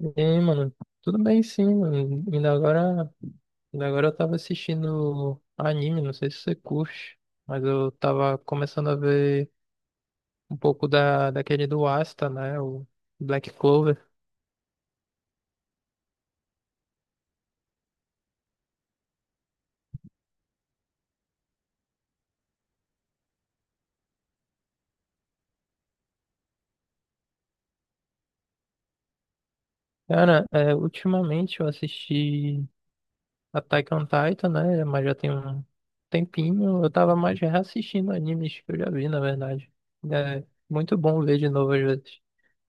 E aí, mano, tudo bem sim, mano. Ainda agora eu tava assistindo anime, não sei se você curte, mas eu tava começando a ver um pouco daquele do Asta, né? O Black Clover. Cara, ultimamente eu assisti Attack on Titan, né? Mas já tem um tempinho. Eu tava mais reassistindo animes que eu já vi, na verdade. É muito bom ver de novo às vezes.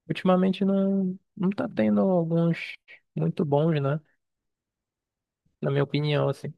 Ultimamente não tá tendo alguns muito bons, né? Na minha opinião, assim.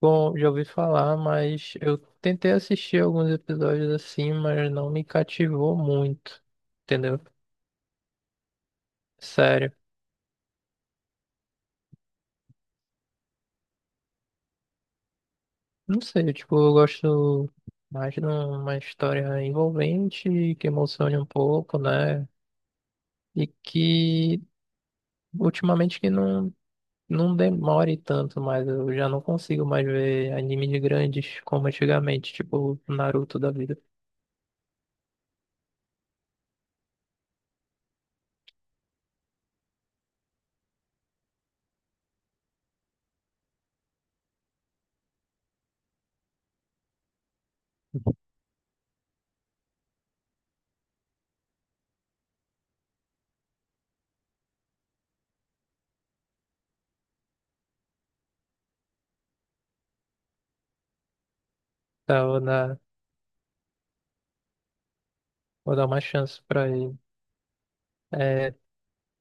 Bom, já ouvi falar, mas eu tentei assistir alguns episódios assim, mas não me cativou muito, entendeu? Sério. Não sei, tipo, eu gosto mais de uma história envolvente, que emocione um pouco, né? E que ultimamente que não, não demore tanto, mas eu já não consigo mais ver anime de grandes como antigamente, tipo Naruto da vida. Tá, vou dar uma chance pra ele. É,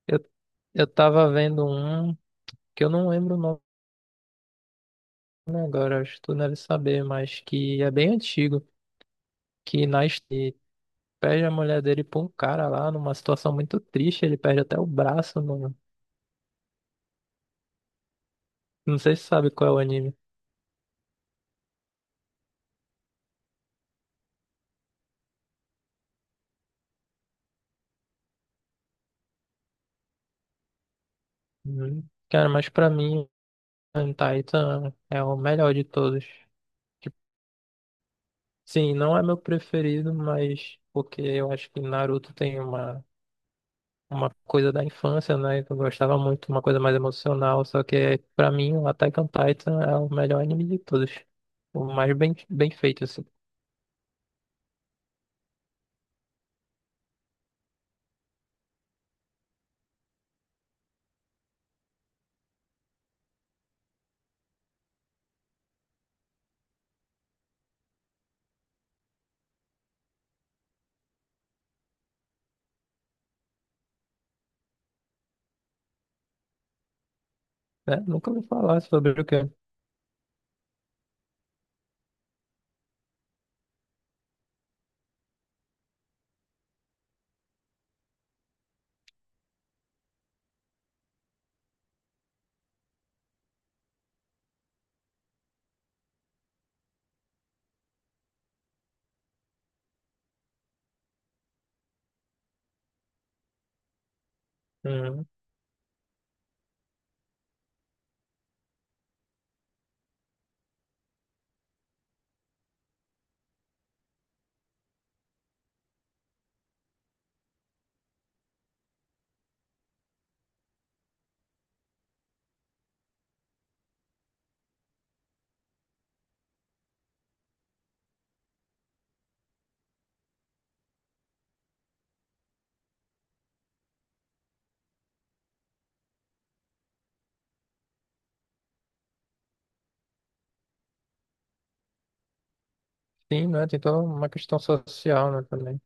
Eu, eu tava vendo um que eu não lembro o nome agora, acho que tu deve saber, mas que é bem antigo, que nasce e perde a mulher dele pra um cara lá numa situação muito triste, ele perde até o braço, mano. Não sei se sabe qual é o anime. Hum. Cara, mas pra mim, Taita é o melhor de todos. Tipo, sim, não é meu preferido, mas porque eu acho que Naruto tem uma coisa da infância, né? Que eu gostava muito, uma coisa mais emocional, só que pra mim o Attack on Titan é o melhor anime de todos. O mais bem feito, assim, né? Nunca ouvi falar sobre o quê? Uhum. Sim, né? Tem toda uma questão social, né, também.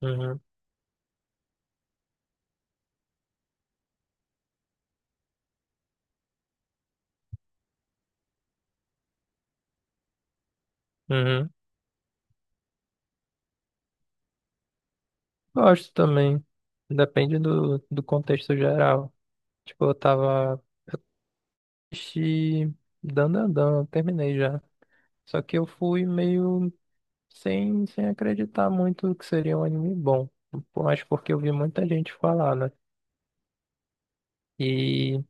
Uhum. Uhum. Gosto também. Depende do, do contexto geral. Tipo, eu tava assisti Dan Dan Dan, eu terminei já. Só que eu fui meio sem acreditar muito que seria um anime bom. Mas porque eu vi muita gente falar, né? E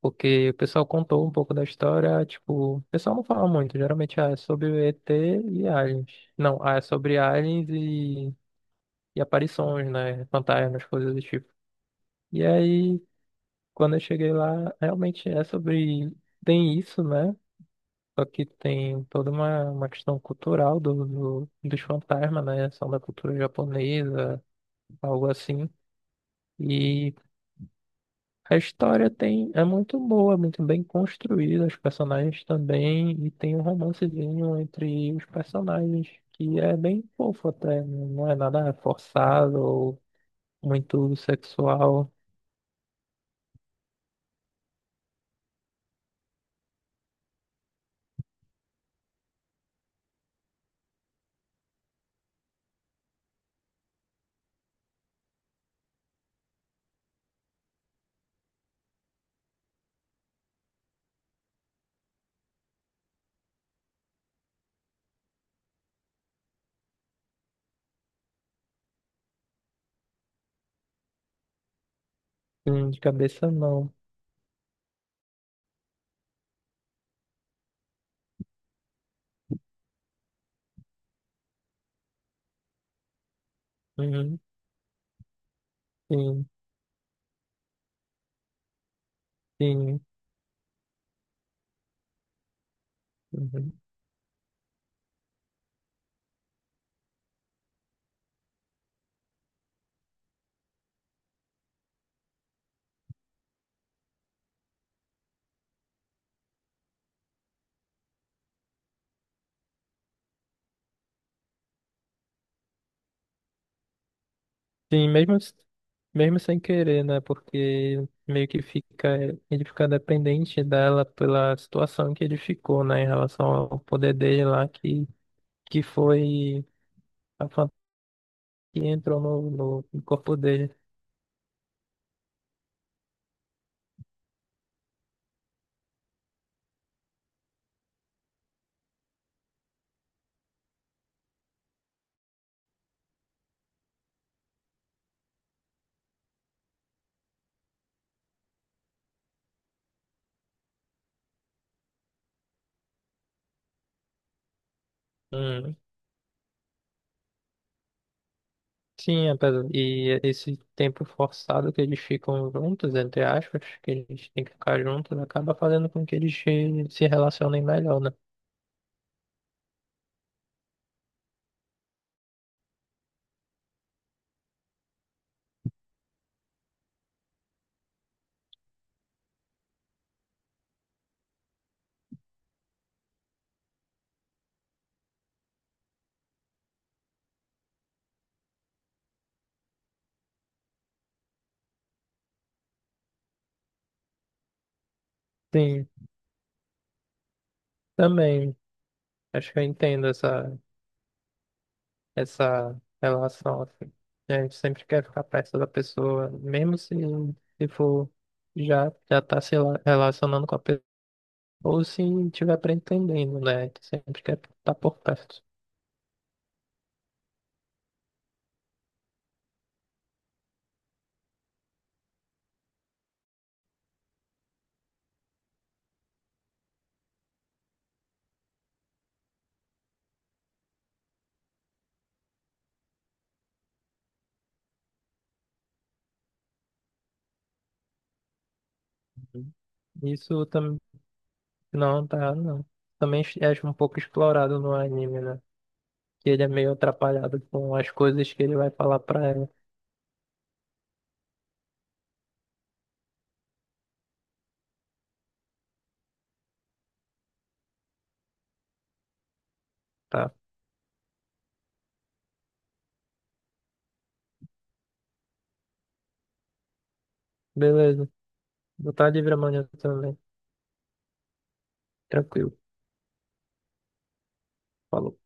porque o pessoal contou um pouco da história, tipo, o pessoal não fala muito, geralmente ah, é sobre o ET e aliens. Não, ah, é sobre aliens e aparições, né? Fantasmas, coisas do tipo. E aí, quando eu cheguei lá, realmente é sobre. Tem isso, né? Só que tem toda uma questão cultural do, do- dos fantasmas, né? São da cultura japonesa, algo assim. E a história tem, é muito boa, muito bem construída, os personagens também, e tem um romancezinho entre os personagens, que é bem fofo até, não é nada forçado ou muito sexual, de cabeça não. Uhum, sim, sim, uhum. Sim, mesmo, mesmo sem querer, né? Porque meio que fica, ele fica dependente dela pela situação que ele ficou, né? Em relação ao poder dele lá, que foi. A fanta que entrou no corpo dele. Hum, sim, apesar, e esse tempo forçado que eles ficam juntos, entre aspas, que eles têm que ficar juntos, acaba fazendo com que eles se relacionem melhor, né? Sim, também. Acho que eu entendo essa relação, assim. A gente sempre quer ficar perto da pessoa, mesmo se for já tá se relacionando com a pessoa, ou se tiver pretendendo, né? Sempre quer estar por perto. Isso também. Não, tá errado, não. Também é acho um pouco explorado no anime, né? Que ele é meio atrapalhado com as coisas que ele vai falar pra ela. Tá. Beleza. Vou estar livre amanhã também. Tranquilo. Falou.